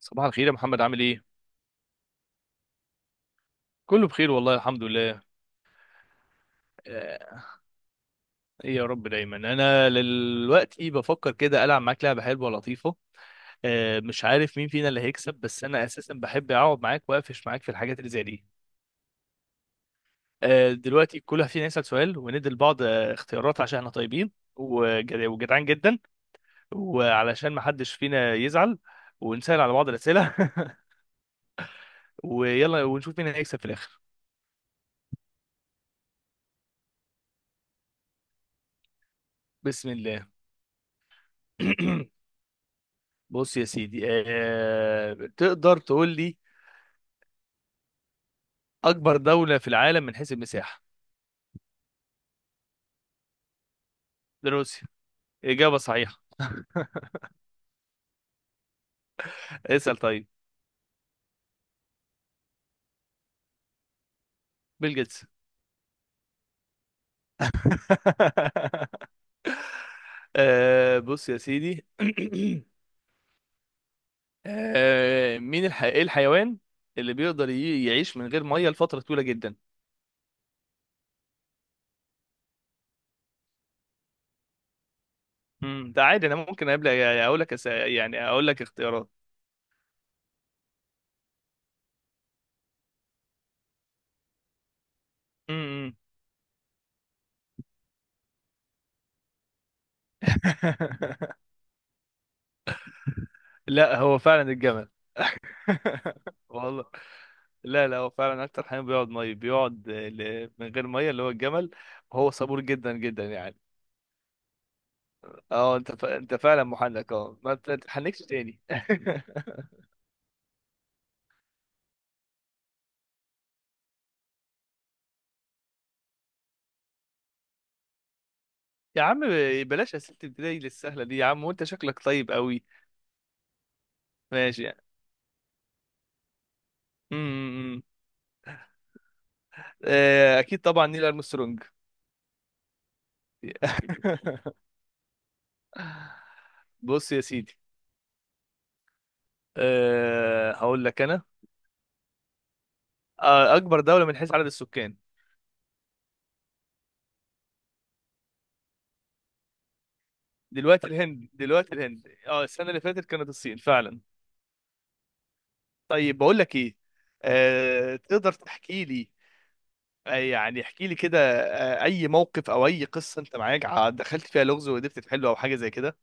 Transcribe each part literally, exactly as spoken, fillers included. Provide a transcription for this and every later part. صباح الخير يا محمد، عامل ايه؟ كله بخير والله، الحمد لله. آه، ايه يا رب، دايما انا دلوقتي بفكر كده العب معاك لعبه حلوه لطيفه. آه، مش عارف مين فينا اللي هيكسب، بس انا اساسا بحب اقعد معاك واقفش معاك في الحاجات اللي زي دي. آه، دلوقتي كل واحد فينا يسال سؤال وندي لبعض آه، اختيارات، عشان احنا طيبين وجد- وجدعان جدا، وعلشان ما حدش فينا يزعل، ونسال على بعض الاسئله. ويلا ونشوف مين هيكسب في الاخر. بسم الله. بص يا سيدي، آه... تقدر تقول لي اكبر دولة في العالم من حيث المساحة؟ روسيا. اجابة صحيحة. اسأل طيب. بيل جيتس. آه... بص يا سيدي. آه... مين الح... إيه الحيوان اللي بيقدر ي... يعيش من غير مية لفترة طويلة جدا؟ امم، ده عادي، انا ممكن قبل اقول لك أس... يعني اقول لك اختيارات. امم. لا هو فعلا الجمل. والله لا، لا هو فعلا اكتر حيوان بيقعد ميه، بيقعد آه، ل- من غير ميه، اللي هو الجمل. وهو صبور جدا جدا يعني. اه، انت ف... انت فعلا محنك، اه ما ت- تتحنكش تاني. يا عم بلاش اسئله البدايه للسهله دي يا عم، وانت شكلك طيب قوي. ماشي يعني. امم. آه، اكيد طبعا، نيل ارمسترونج. بص يا سيدي. أه هقول لك انا. آه، اكبر دوله من حيث عدد السكان؟ دلوقتي الهند. دلوقتي الهند اه السنه اللي فاتت كانت الصين فعلا. طيب بقول لك ايه. آه، تقدر تحكي لي، آه، يعني احكي لي كده، آه، اي موقف او اي قصه انت معاك ع- دخلت فيها لغز وقدرت تحله، او حاجه زي كده.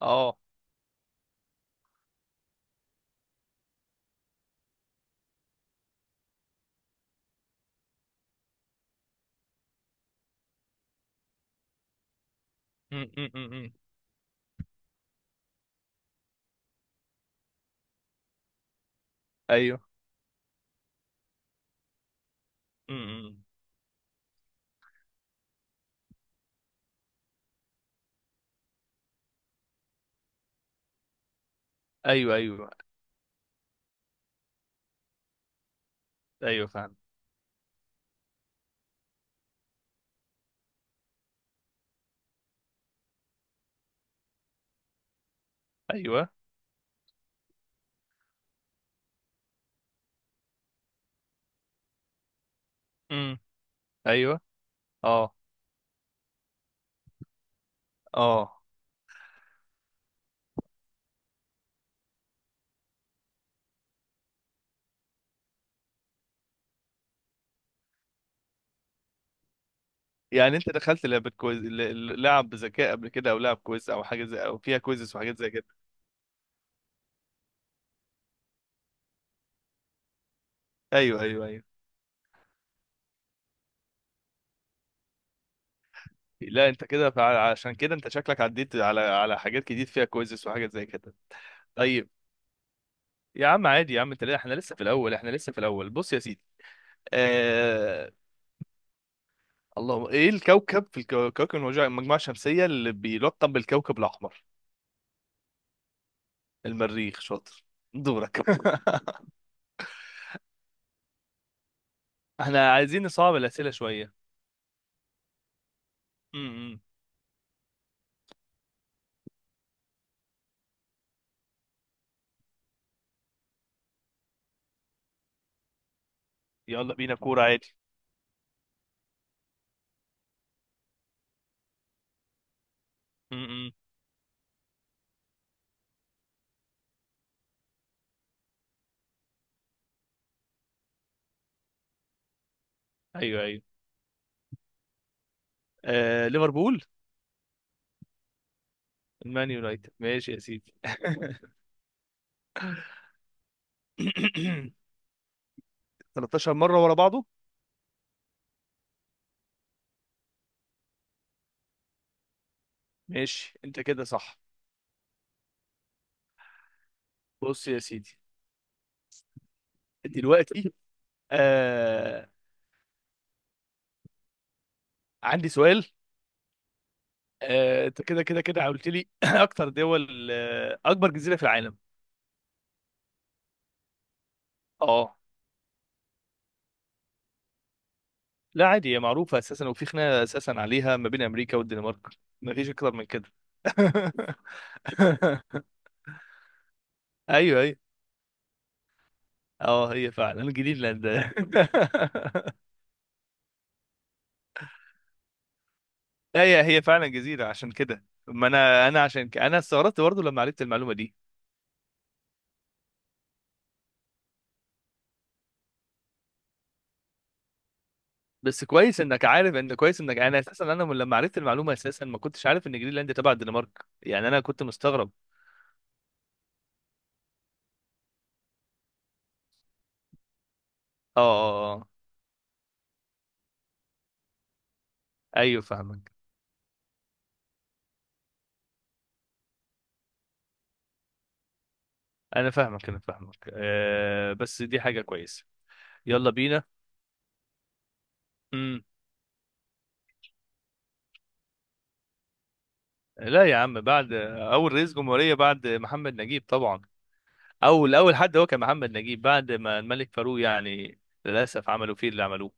اه. أم، أم، أم، أم، ايوه. أم، أم. ايوه، ايوه، ايوه، فاهم. ايوه، أم، ايوه، اه اه. يعني انت دخلت لعبه كويز، ل- ل- لعب بذكاء قبل كده، او لعب كويز، او حاجه زي، او فيها كويزز وحاجات زي كده؟ ايوه، ايوه، ايوه. لا انت كده فع- عشان كده انت شكلك عديت على على حاجات كتير فيها كويزز وحاجات زي كده. طيب، يا عم عادي يا عم، انت احنا لسه في الاول، احنا لسه في الاول. بص يا سيدي، آه... اللهم ايه الكوكب في الكو- كوكب المجموعه المجموعة الشمسيه اللي بيلقب بالكوكب الاحمر؟ المريخ، شاطر. دورك. احنا عايزين نصعب الاسئله شويه. امم. يلا بينا كوره عادي. امم. ايوه، ايوه. آه... ليفربول. المان يونايتد، ماشي يا سيدي. تلتاشر مره ورا بعضه. ماشي انت كده صح. بص يا سيدي، دلوقتي آه... عندي سؤال. آه، انت كده كده كده قلت لي اكتر دول، آه، اكبر جزيره في العالم. اه، لا عادي هي معروفه اساسا، وفي خناقه اساسا عليها ما بين امريكا والدنمارك. مفيش اكتر من كده. ايوه، ايوه. اه هي فعلا جرينلاند. هي هي فعلا جزيره، عشان كده ما انا، انا عشان ك... انا استغربت برضه لما عرفت المعلومه دي. بس كويس انك عارف، ان كويس انك، انا اساسا، انا من لما عرفت المعلومه اساسا ما كنتش عارف ان جرينلاند تبع الدنمارك، يعني انا كنت مستغرب. اه اه اه، آه. ايوه فاهمك. انا فاهمك انا فاهمك أه، بس دي حاجه كويسه. يلا بينا. امم. لا يا عم، بعد اول رئيس جمهوريه بعد محمد نجيب طبعا. اول، اول حد هو كان محمد نجيب، بعد ما الملك فاروق يعني، للاسف عملوا فيه اللي عملوه.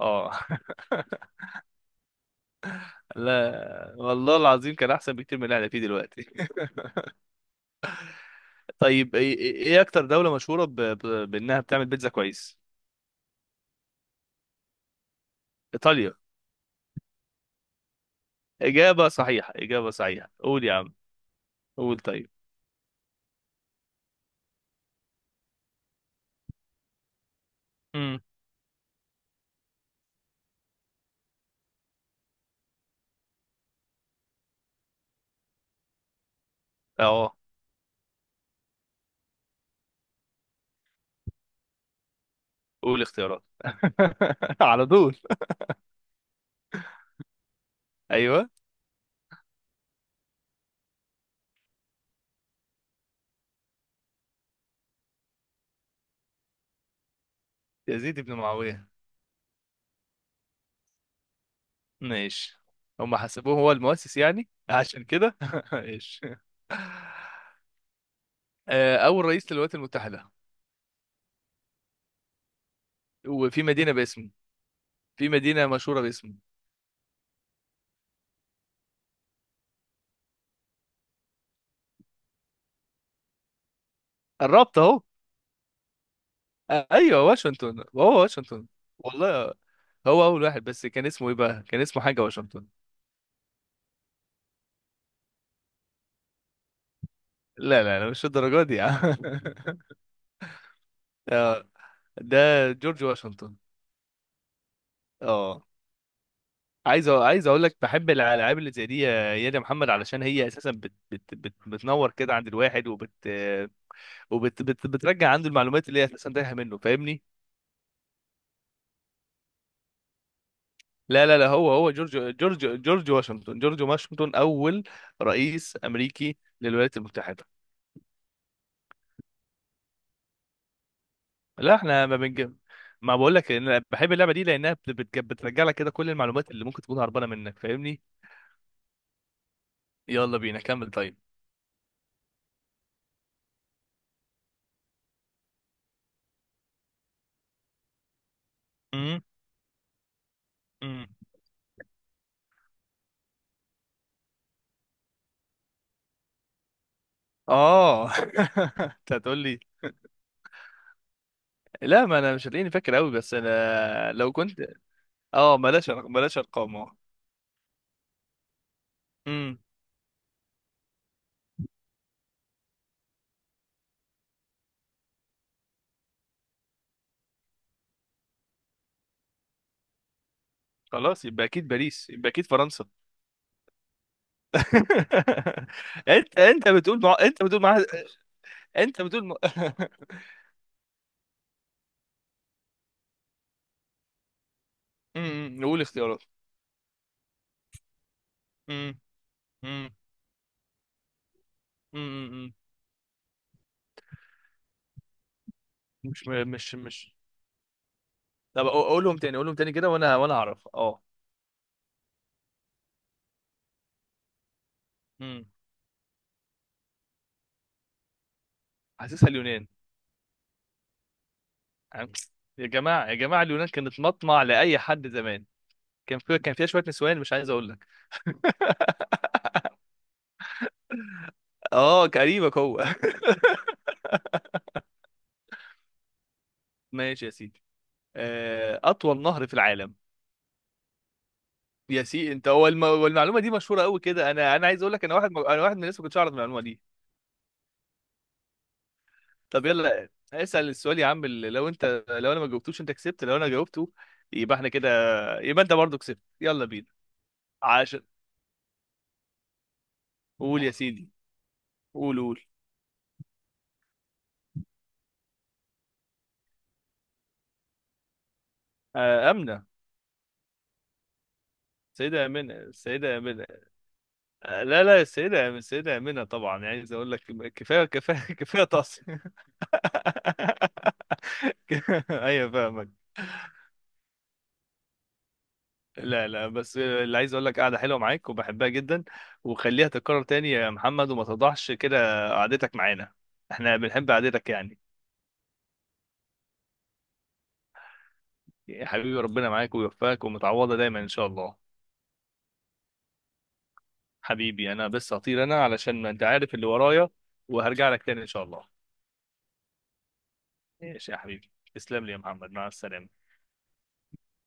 اه. لا والله العظيم كان احسن بكتير من اللي احنا فيه دلوقتي. طيب ايه، إيه- إيه اكتر دوله مشهوره ب... ب... بانها بتعمل بيتزا كويس؟ ايطاليا. اجابه صحيحه، اجابه صحيحه، قول يا عم. قول طيب. امم. اه قول اختيارات. على طول. ايوه. يزيد بن معاويه. ماشي، هم حسبوه هو المؤسس يعني، عشان كده ماشي. آه، اول رئيس للولايات المتحده، وفي مدينه باسمه، في مدينه مشهوره باسمه. قربت اهو. آه، ايوه واشنطن، هو واشنطن. والله هو اول واحد، بس كان اسمه ايه بقى، كان اسمه حاجه واشنطن. لا لا لا مش الدرجه دي يا عم. آه، ده جورج واشنطن. اه، عايز أ- عايز اقول لك بحب الالعاب اللي زي دي يا، يا محمد، علشان هي اساسا بت بت بت بتنور كده عند الواحد، وبت وبت بت بترجع عنده المعلومات اللي هي اساسا تايهه منه. فاهمني. لا لا لا، هو هو جورج جورج جورج واشنطن. جورج واشنطن اول رئيس امريكي للولايات المتحده. لا احنا ما بنج. ما بقول لك ان انا بحب اللعبه دي، لانها بت- بت- بترجع لك كده كل المعلومات اللي ممكن تكون هربانه منك. فاهمني. يلا بينا كمل طيب. امم، امم. اه. انت هتقول لي. لا ما انا مش هتلاقيني فاكر قوي، بس انا لو كنت. اه بلاش أرق- بلاش ارقام اه. امم. خلاص يبقى اكيد باريس، يبقى اكيد فرنسا. انت انت بتقول مع... انت بتقول مع... انت بتقول مع... امم، نقول اختيارات. امم. امم. امم. مش م- مش مش. طب أق- اقولهم تاني، اقولهم تاني كده، وانا وانا اعرف اه. امم. حاسسها اليونان. عم- يا جماعه، يا جماعه، اليونان كانت مطمع لاي حد زمان. كان فيها كان فيها شويه نسوان، مش عايز اقول لك. اه قريبك هو. ماشي يا سيدي، آه، اطول نهر في العالم. يا سي انت هو، الم... والمعلومه دي مشهوره قوي كده، انا، انا عايز اقول لك، انا واحد م... انا واحد من الناس ما كنتش اعرف المعلومه دي. طب يلا اسال السؤال يا عم، اللي لو انت، لو انا ما جاوبتوش انت كسبت، لو انا جاوبته يبقى احنا كده، يبقى انت برضو كسبت. يلا بينا عشان. قول يا سيدي، قول، قول. آه، امنه. السيدة آمنة، السيدة آمنة. آه، لا لا، السيدة، السيدة آمنة طبعا يعني، عايز أقول لك. كفاية، كفاية، كفاية طاس. ايوه فاهمك. لا لا، بس اللي عايز اقول لك، قاعده حلوه معاك وبحبها جدا، وخليها تتكرر تاني يا محمد، وما تضحش كده قعدتك معانا. احنا بنحب قعدتك يعني. يا حبيبي، ربنا معاك ويوفقك، ومتعوضه دايما ان شاء الله. حبيبي انا بس هطير انا، علشان ما انت عارف اللي ورايا، وهرجع لك تاني ان شاء الله. ماشي يا حبيبي، تسلم لي يا محمد، مع السلامه.